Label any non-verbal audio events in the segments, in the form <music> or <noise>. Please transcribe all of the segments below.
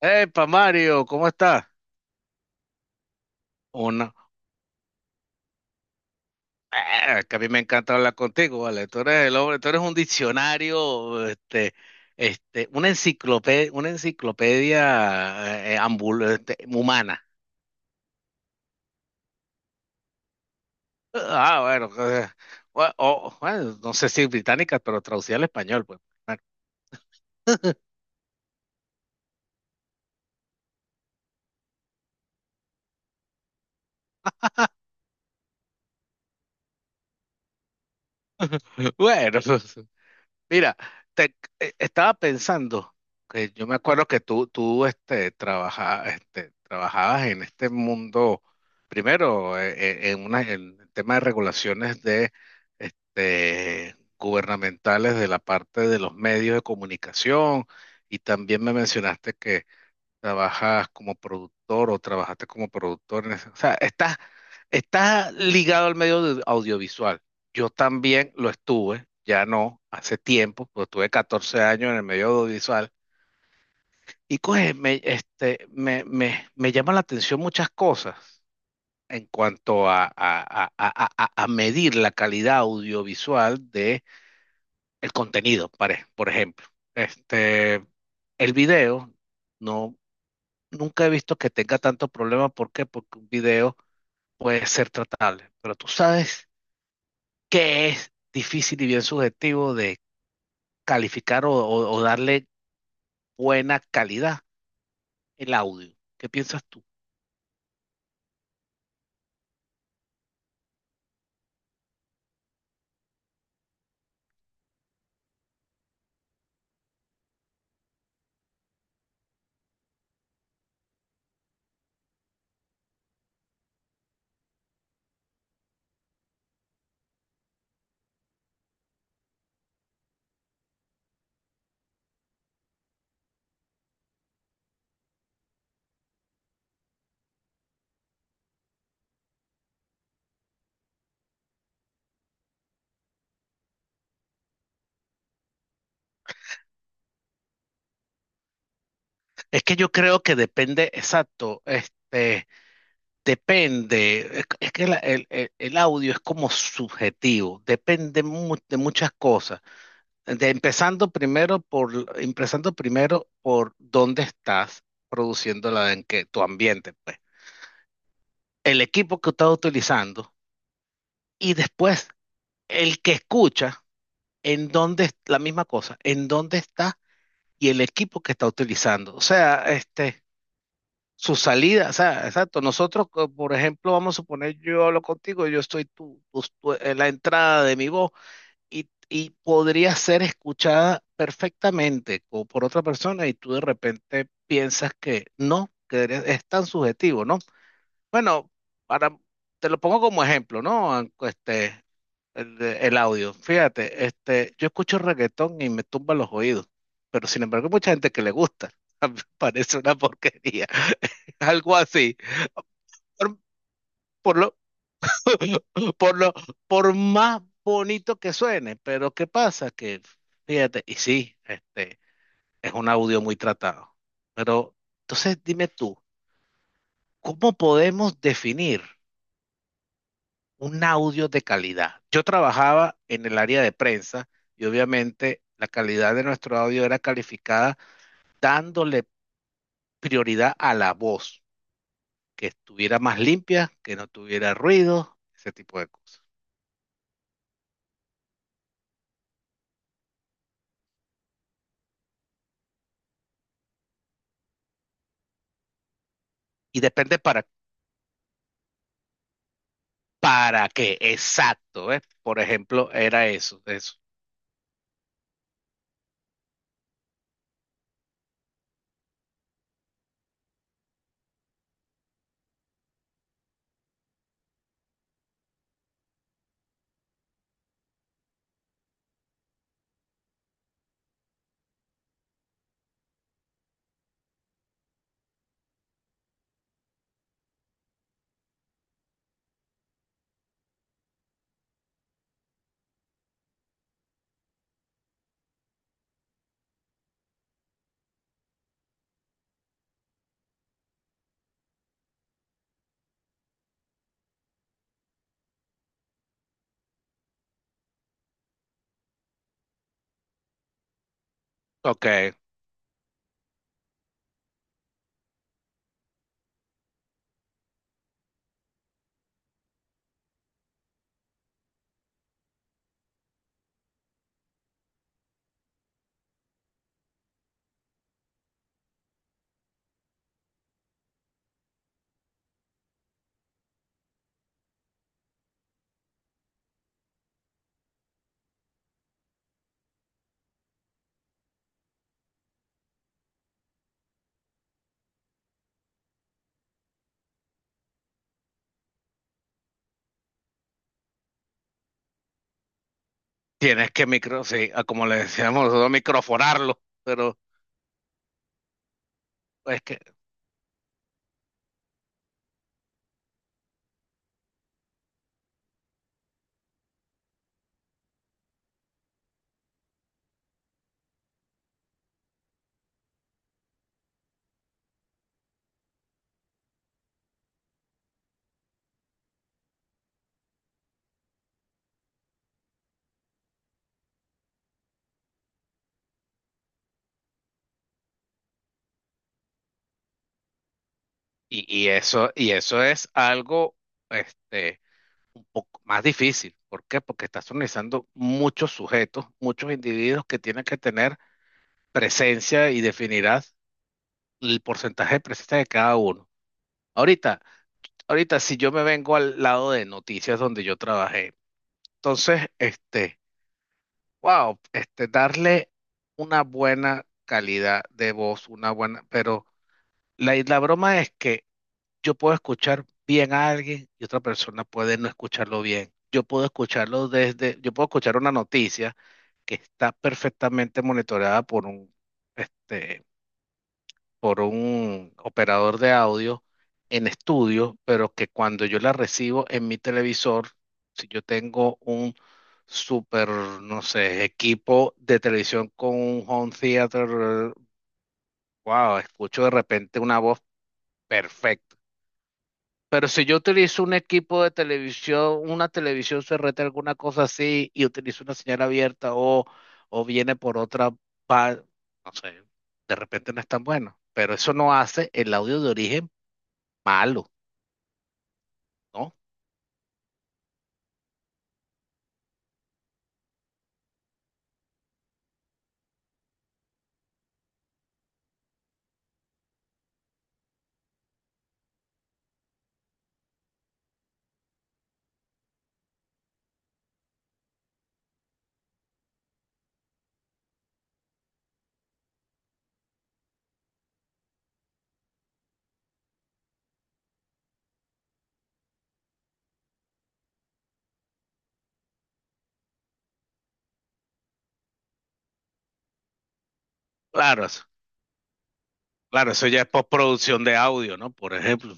Epa, Mario, ¿cómo estás? Una... Ah, que a mí me encanta hablar contigo, ¿vale? Tú eres el hombre, tú eres un diccionario, una enciclopedia humana. Ah, bueno, eh, bueno, no sé si británica, pero traducida al español, pues. Bueno, <laughs> Mira, te- estaba pensando que yo me acuerdo que tú trabajabas en este mundo, primero en el tema de regulaciones de, este, gubernamentales de la parte de los medios de comunicación y también me mencionaste trabajas como productor o trabajaste como productor. O sea, estás ligado al audiovisual. Yo también lo estuve, ya no, hace tiempo, pues tuve 14 años en el medio audiovisual. Y pues me, este, me llama la atención muchas cosas en cuanto a medir la calidad audiovisual de el contenido, por ejemplo. Este, el video. No, nunca he visto que tenga tanto problema. ¿Por qué? Porque un video puede ser tratable. Pero tú sabes que es difícil y bien subjetivo de calificar o darle buena calidad el audio. ¿Qué piensas tú? Es que yo creo que depende, exacto, este, depende. Es que el audio es como subjetivo, depende de muchas cosas. De empezando empezando primero por dónde estás produciendo tu ambiente, pues, el equipo que estás utilizando y después el que escucha en dónde, la misma cosa, en dónde está y el equipo que está utilizando. O sea, este, su salida, o sea, exacto. Por ejemplo, vamos a suponer, yo hablo contigo, yo estoy en la entrada de mi voz y podría ser escuchada perfectamente por otra persona y tú de repente piensas que no, que es tan subjetivo, ¿no? Bueno, para, te lo pongo como ejemplo, ¿no? Este, el audio. Fíjate, este, yo escucho reggaetón y me tumba los oídos, pero sin embargo hay mucha gente que le gusta. <laughs> Parece una porquería, <laughs> algo así. Por, por lo, por lo, por más bonito que suene, pero ¿qué pasa? Que, fíjate, y sí, este, es un audio muy tratado. Pero, entonces dime tú, ¿cómo podemos definir un audio de calidad? Yo trabajaba en el área de prensa y obviamente la calidad de nuestro audio era calificada dándole prioridad a la voz, que estuviera más limpia, que no tuviera ruido, ese tipo de cosas. Y depende para ¿Para qué? Exacto, ¿ves? Por ejemplo, era eso, eso. Ok, tienes que micro, sí, ah, como le decíamos nosotros, microfonarlo, pero es que, y eso, y eso es este, un poco más difícil. ¿Por qué? Porque estás organizando muchos sujetos, muchos individuos que tienen que tener presencia y definirás el porcentaje de presencia de cada uno. Ahorita, Ahorita, si yo me vengo al lado de noticias donde yo trabajé, entonces, este Wow, este, darle una buena calidad de voz, una buena, pero la broma es que yo puedo escuchar bien a alguien y otra persona puede no escucharlo bien. Yo puedo yo puedo escuchar una noticia que está perfectamente monitoreada por este, por un operador de audio en estudio, pero que cuando yo la recibo en mi televisor, si yo tengo un super, no sé, equipo de televisión con un home theater, wow, escucho de repente una voz perfecta. Pero si yo utilizo un equipo de televisión, una televisión CRT, alguna cosa así, y utilizo una señal abierta o viene por otra, pa- no sé, de repente no es tan bueno. Pero eso no hace el audio de origen malo, ¿no? Claro, eso- claro, eso ya es postproducción de audio, ¿no? Por ejemplo,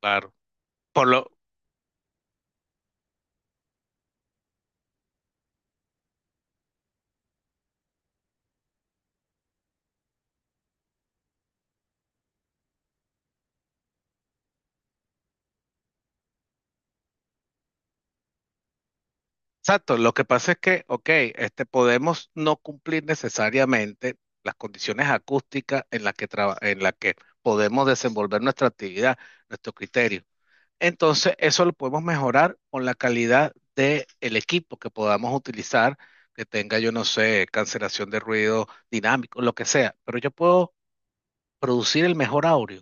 claro. Por lo, exacto, lo que pasa es que, ok, este, podemos no cumplir necesariamente las condiciones acústicas en las en la que podemos desenvolver nuestra actividad, nuestro criterio. Entonces, eso lo podemos mejorar con la calidad del equipo que podamos utilizar, que tenga, yo no sé, cancelación de ruido dinámico, lo que sea, pero yo puedo producir el mejor audio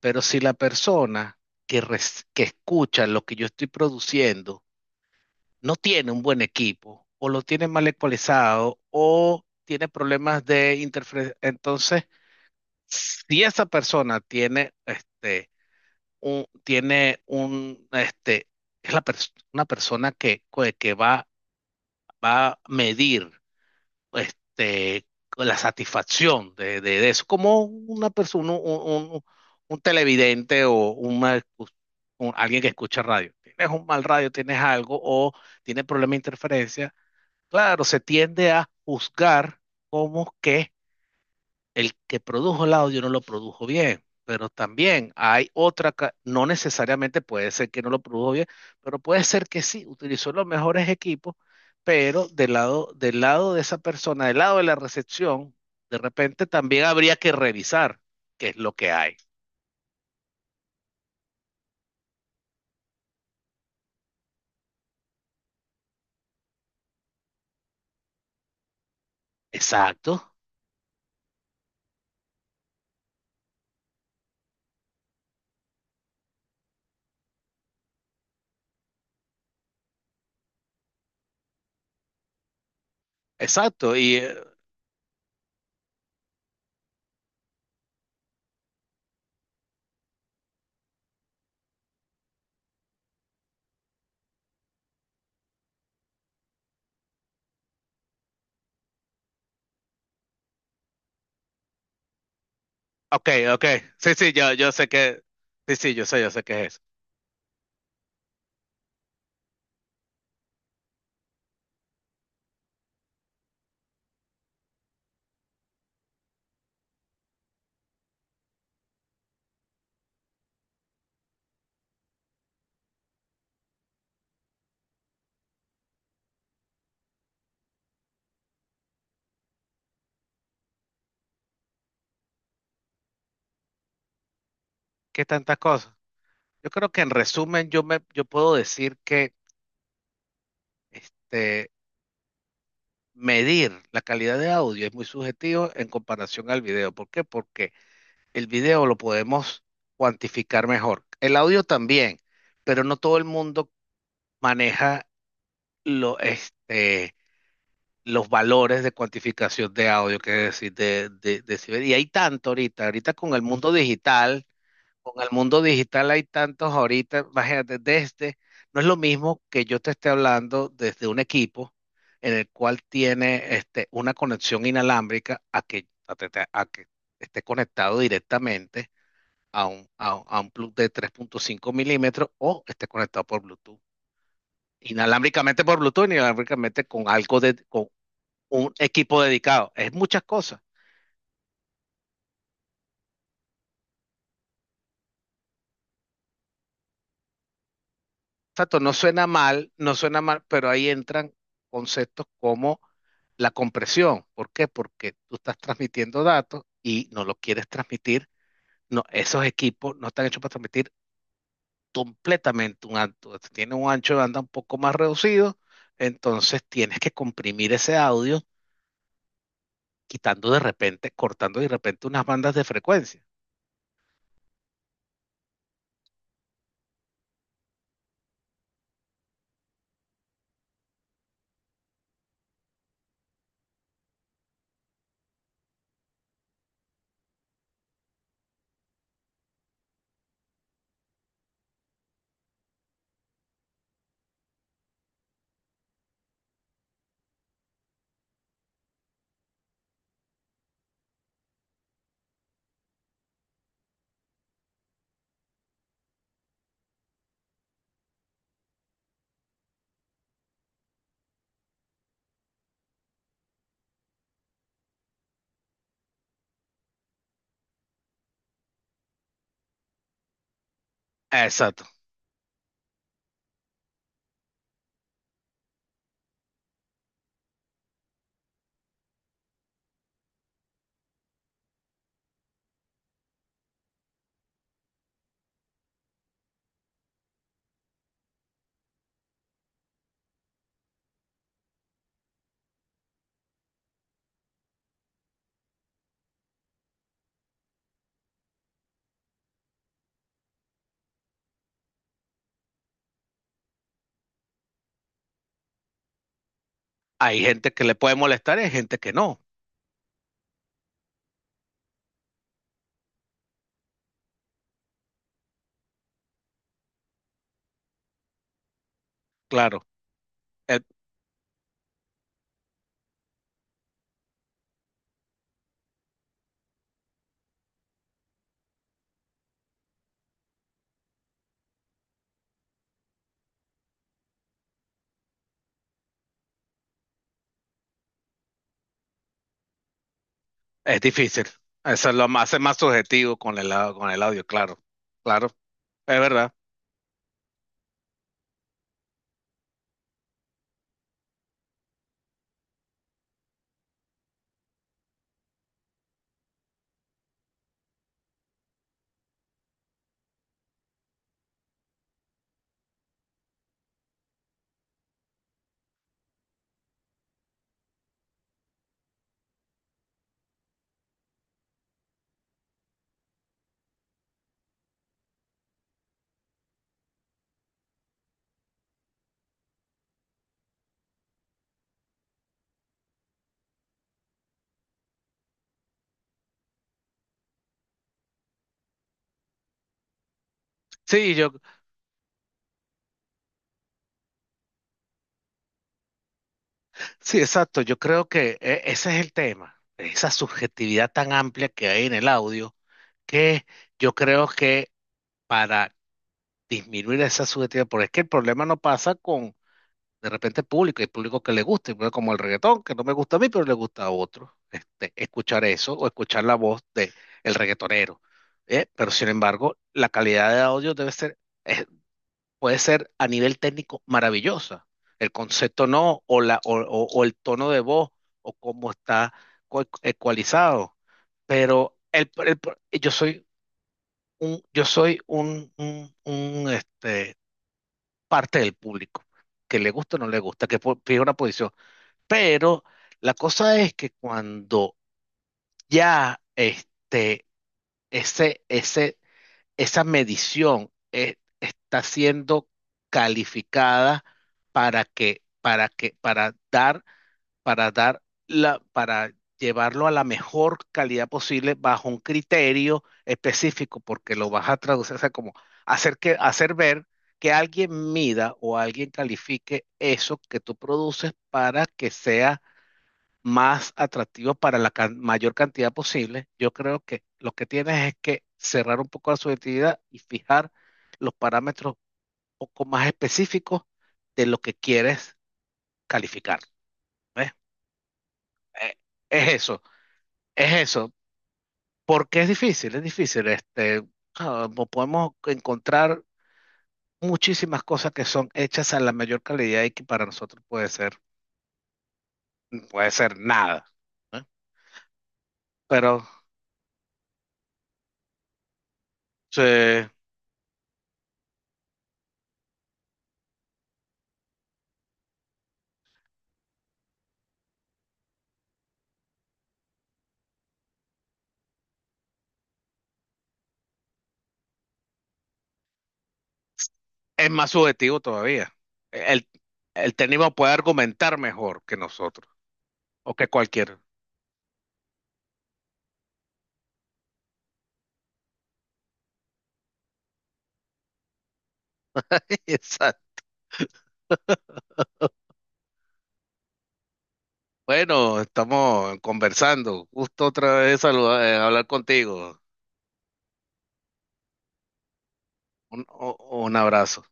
Pero si la persona que escucha lo que yo estoy produciendo no tiene un buen equipo, o lo tiene mal ecualizado, o tiene problemas de interferencia, entonces, si esa persona tiene un, este, una persona que va a medir este, la satisfacción de eso, como una persona, un- un televidente o una alguien que escucha radio. Tienes un mal radio, tienes algo o tienes problema de interferencia. Claro, se tiende a juzgar como que el que produjo el audio no lo produjo bien, pero también hay no necesariamente puede ser que no lo produjo bien, pero puede ser que sí, utilizó los mejores equipos, pero del lado de esa persona, del lado de la recepción, de repente también habría que revisar qué es lo que hay. Exacto, exacto. Y, ok, ok, sí, sí, yo sé que, sí, sí, yo sé que es eso. ¿Qué tantas cosas? Yo creo que en resumen yo puedo decir que, este, medir la calidad de audio es muy subjetivo en comparación al video. ¿Por qué? Porque el video lo podemos cuantificar mejor. El audio también, pero no todo el mundo maneja lo, este, los valores de cuantificación de audio, que es decir, de decibel. Y hay tanto ahorita, ahorita con el mundo digital con el mundo digital hay tantos ahorita, imagínate, desde, no es lo mismo que yo te esté hablando desde un equipo en el cual tiene este, una conexión inalámbrica a que, a que esté conectado directamente a un plug de 3,5 mm o esté conectado por Bluetooth. Inalámbricamente por Bluetooth, inalámbricamente con algo de, con un equipo dedicado. Es muchas cosas. Exacto, no suena mal, no suena mal, pero ahí entran conceptos como la compresión. ¿Por qué? Porque tú estás transmitiendo datos y no lo quieres transmitir. No, esos equipos no están hechos para transmitir completamente un alto. Tiene un ancho de banda un poco más reducido, entonces tienes que comprimir ese audio, quitando de repente, cortando de repente unas bandas de frecuencia. Exacto. Hay gente que le puede molestar y hay gente que no, claro. El Es difícil. Eso es lo más, hace más subjetivo con el, con el audio, claro. Claro, es verdad. Sí, yo, sí, exacto. Yo creo que ese es el tema. Esa subjetividad tan amplia que hay en el audio, que yo creo que para disminuir esa subjetividad, porque es que el problema no pasa con, de repente, el público, hay público que le gusta, pero como el reggaetón, que no me gusta a mí, pero le gusta a otro. Este, escuchar eso o escuchar la voz de el reggaetonero. Pero sin embargo, la calidad de audio debe ser puede ser a nivel técnico maravillosa. El concepto no, o el tono de voz, o cómo está ecualizado. Pero yo soy un, yo soy parte del público, que le gusta o no le gusta, que pide una posición. Pero la cosa es que cuando ya este, ese esa medición está siendo calificada para dar, para llevarlo a la mejor calidad posible bajo un criterio específico, porque lo vas a traducir, o sea, como hacer que, hacer ver que alguien mida o alguien califique eso que tú produces para que sea más atractivo para la mayor cantidad posible, yo creo que lo que tienes es que cerrar un poco la subjetividad y fijar los parámetros un poco más específicos de lo que quieres calificar. ¿Ves? Eh, Es eso, es eso. Porque es difícil, es difícil. Podemos encontrar muchísimas cosas que son hechas a la mayor calidad y que para nosotros puede ser nada. ¿Eh? Pero sí. Es más subjetivo todavía. El, el técnico puede argumentar mejor que nosotros o que cualquiera. <laughs> Exacto. Bueno, estamos conversando. Gusto otra vez hablar contigo. Un, o- un abrazo.